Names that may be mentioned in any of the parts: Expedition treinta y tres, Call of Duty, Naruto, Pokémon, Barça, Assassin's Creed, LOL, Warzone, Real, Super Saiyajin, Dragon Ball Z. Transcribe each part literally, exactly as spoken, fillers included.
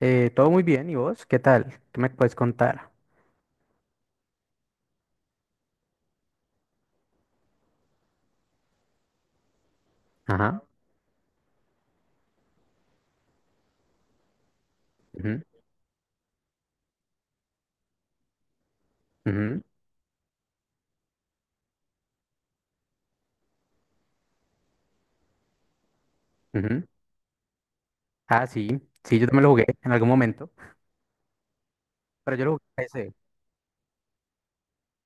Eh, todo muy bien, ¿y vos? ¿Qué tal? ¿Qué me puedes contar? Ajá. Ujú, ujú, ujú. Ah, sí, sí, yo también lo jugué en algún momento, pero yo lo jugué en P C.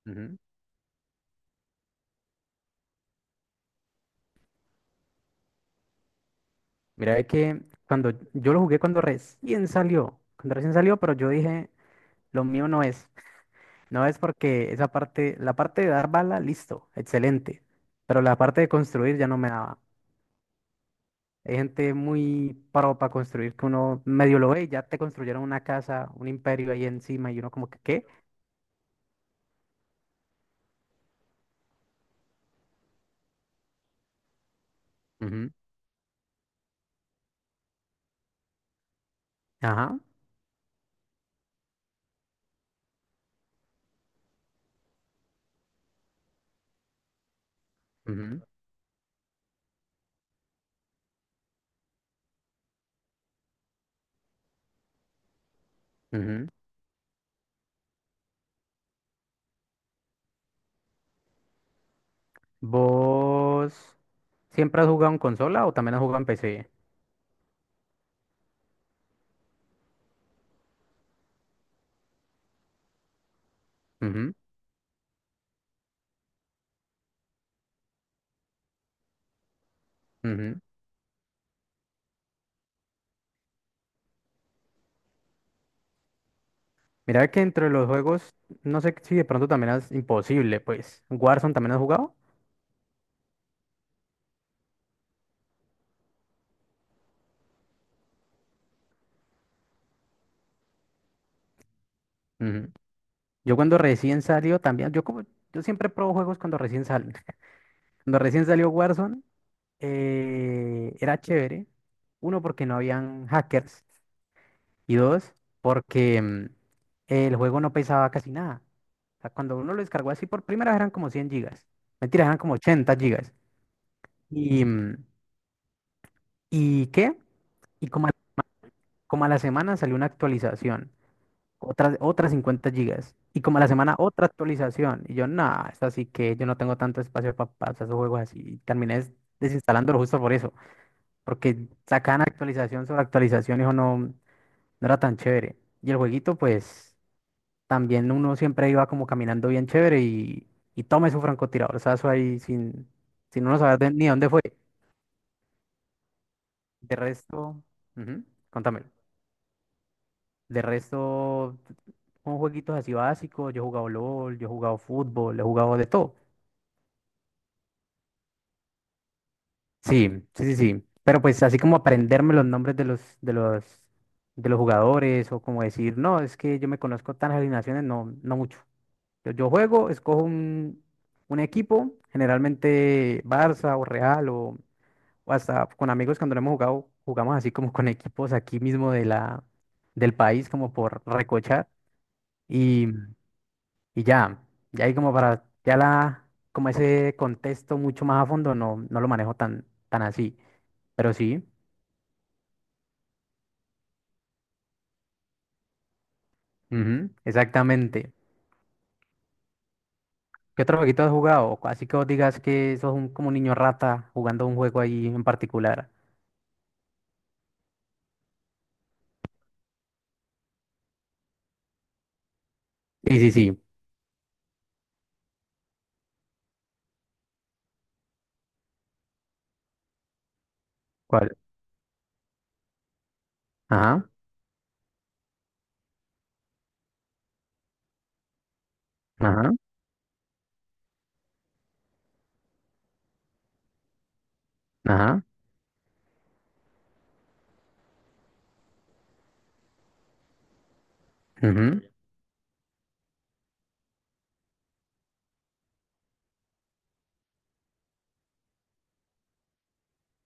Ujú. Mira, es que cuando yo lo jugué cuando recién salió, cuando recién salió, pero yo dije, lo mío no es, no es porque esa parte, la parte de dar bala, listo, excelente, pero la parte de construir ya no me daba. Hay gente muy pro para construir que uno medio lo ve y ya te construyeron una casa, un imperio ahí encima y uno como que, ¿qué? Ujú. Ajá. Ujú, ujú. ¿Vos siempre has jugado en consola o también has jugado en P C? Ujú, ujú. Mira que entre los juegos, no sé si de pronto también es imposible, pues. ¿Warzone también has jugado? Ujú. Yo cuando recién salió también, yo como, yo siempre pruebo juegos cuando recién salen. Cuando recién salió Warzone, eh, era chévere. Uno, porque no habían hackers. Y dos, porque mm, el juego no pesaba casi nada. O sea, cuando uno lo descargó así por primera vez eran como cien gigas. Mentira, eran como ochenta gigas. ¿Y, mm, ¿Y qué? Y como a, como a la semana salió una actualización, otras, otras cincuenta gigas. Y como a la semana otra actualización. Y yo, nada, es así que yo no tengo tanto espacio para pasar esos juegos así. Y terminé des- desinstalándolo justo por eso, porque sacaban actualización sobre actualización y eso no, no era tan chévere. Y el jueguito, pues, también uno siempre iba como caminando bien chévere y, y tome su francotiradorzazo ahí sin, sin uno saber de- ni dónde fue. De resto, ujú, contámelo. De resto, con jueguitos así básicos, yo he jugado L O L, yo he jugado fútbol, he jugado de todo. Sí, sí, sí, sí. Pero pues así como aprenderme los nombres de los, de los, de los jugadores o como decir, no, es que yo me conozco tan alineaciones, no, no mucho. Yo, yo juego, escojo un, un equipo, generalmente Barça o Real o, o hasta con amigos cuando lo hemos jugado, jugamos así como con equipos aquí mismo de la, del país, como por recochar. Y, y ya, ya ahí como para, ya la, como ese contexto mucho más a fondo, no, no lo manejo tan, tan así. Pero sí, ujú, exactamente. ¿Qué otro jueguito has jugado? Así que vos digas que sos un, como un niño rata jugando un juego ahí en particular. Sí, sí, sí. ¿Cuál? Ajá. Ajá, ajá, ujú,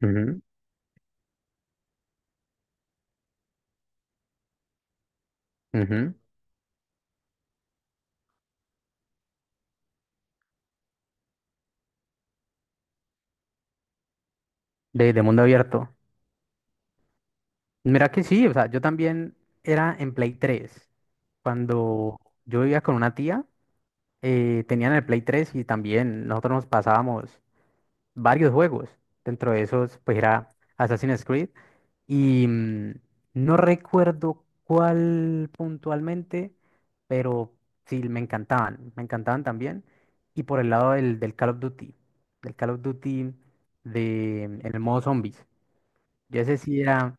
ujú, ujú. De, de mundo abierto. Mira que sí, o sea, yo también era en Play tres. Cuando yo vivía con una tía, eh, tenían el Play tres y también nosotros nos pasábamos varios juegos. Dentro de esos, pues era Assassin's Creed. Y mm, no recuerdo cuál puntualmente, pero sí, me encantaban, me encantaban también. Y por el lado del, del Call of Duty, del Call of Duty de, en el modo zombies. Yo ese sí era,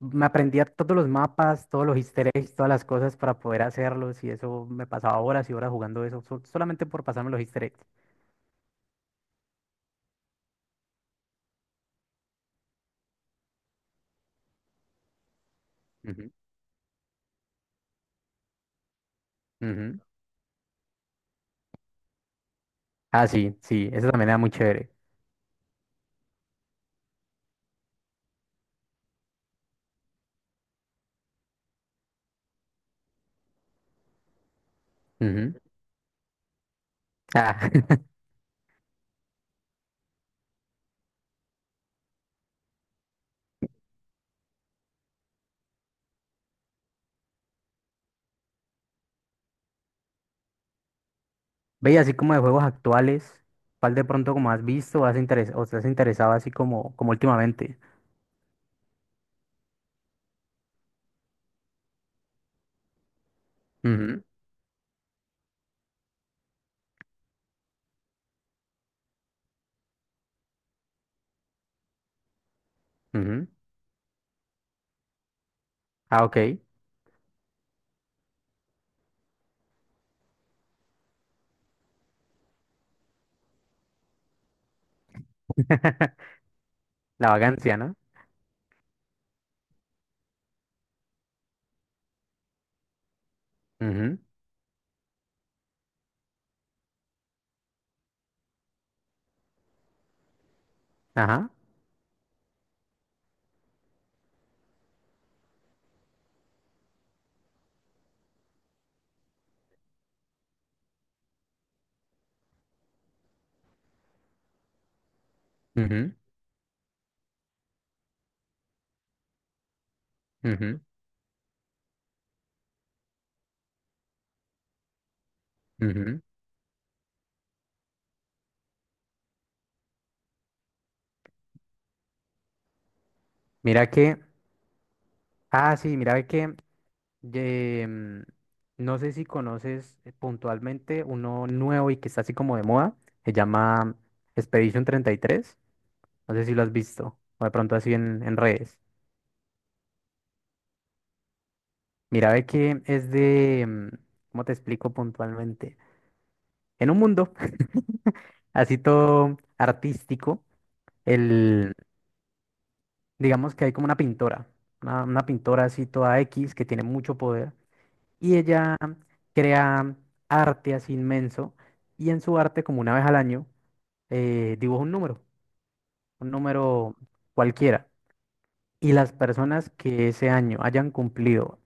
me aprendía todos los mapas, todos los easter eggs, todas las cosas para poder hacerlos y eso me pasaba horas y horas jugando eso, sol- solamente por pasarme los easter eggs. Ujú, ujú. Ah, sí, sí, eso también era muy chévere. Ujú. Ah, Ve, y así como de juegos actuales, ¿cuál de pronto como has visto o has interes- o te has interesado así como, como últimamente? Ujú, ujú. Ah, ok. La vagancia, ¿no? Ujú, ajá, ujú, ujú, ujú. Mira que, ah, sí, mira que, eh, mm, no sé si conoces eh, puntualmente uno nuevo y que está así como de moda, se llama Expedition treinta y tres. No sé si lo has visto o de pronto así en, en redes. Mira, ve que es de, mm, ¿cómo te explico puntualmente? En un mundo así todo artístico, el, digamos que hay como una pintora, una, una pintora así toda X que tiene mucho poder y ella crea arte así inmenso y en su arte como una vez al año, eh, dibuja un número, un número cualquiera y las personas que ese año hayan cumplido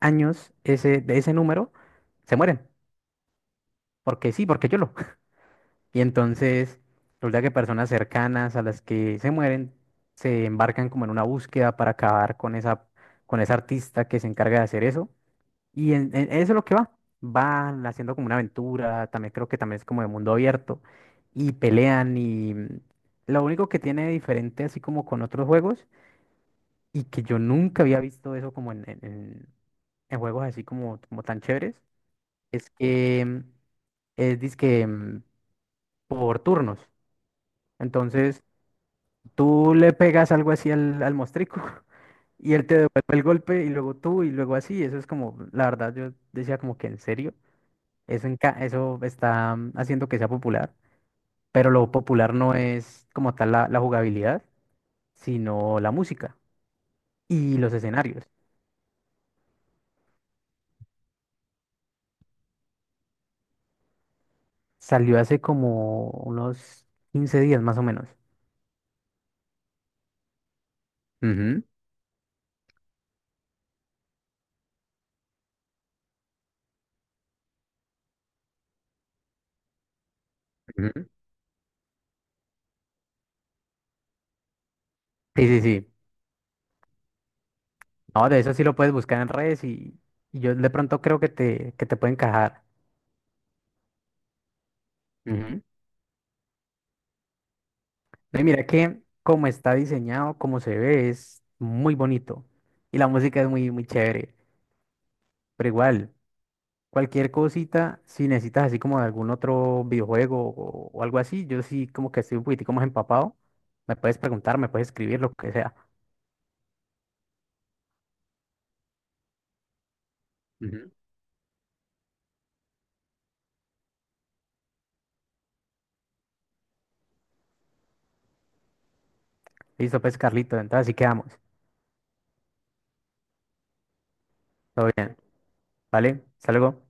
años ese, de ese número se mueren, porque sí, porque yo lo. Y entonces resulta que personas cercanas a las que se mueren se embarcan como en una búsqueda para acabar con esa, con esa artista que se encarga de hacer eso. Y en, en- eso es lo que va. Van haciendo como una aventura, también creo que también es como de mundo abierto. Y pelean y mm, lo único que tiene de diferente así como con otros juegos y que yo nunca había visto eso como en, en- en- en juegos así como, como tan chéveres, es que mm, es dizque mm, por turnos. Entonces, tú le pegas algo así al, al mostrico y él te devuelve el golpe y luego tú y luego así. Eso es como, la verdad, yo decía como que en serio, eso, en ca- eso está mm, haciendo que sea popular, pero lo popular no es como tal la, la jugabilidad, sino la música y los escenarios. Salió hace como unos quince días más o menos. Ujú, ujú. Sí, sí, sí. No, de eso sí lo puedes buscar en redes y, y yo de pronto creo que te, que te puede encajar. No, y mira que como está diseñado, como se ve, es muy bonito. Y la música es muy, muy chévere. Pero igual, cualquier cosita, si necesitas así como de algún otro videojuego o, o algo así, yo sí como que estoy un poquitico más empapado. Me puedes preguntar, me puedes escribir, lo que sea. Ujú. Listo, pues, Carlito. Entonces así quedamos. Todo bien. ¿Vale? Hasta luego.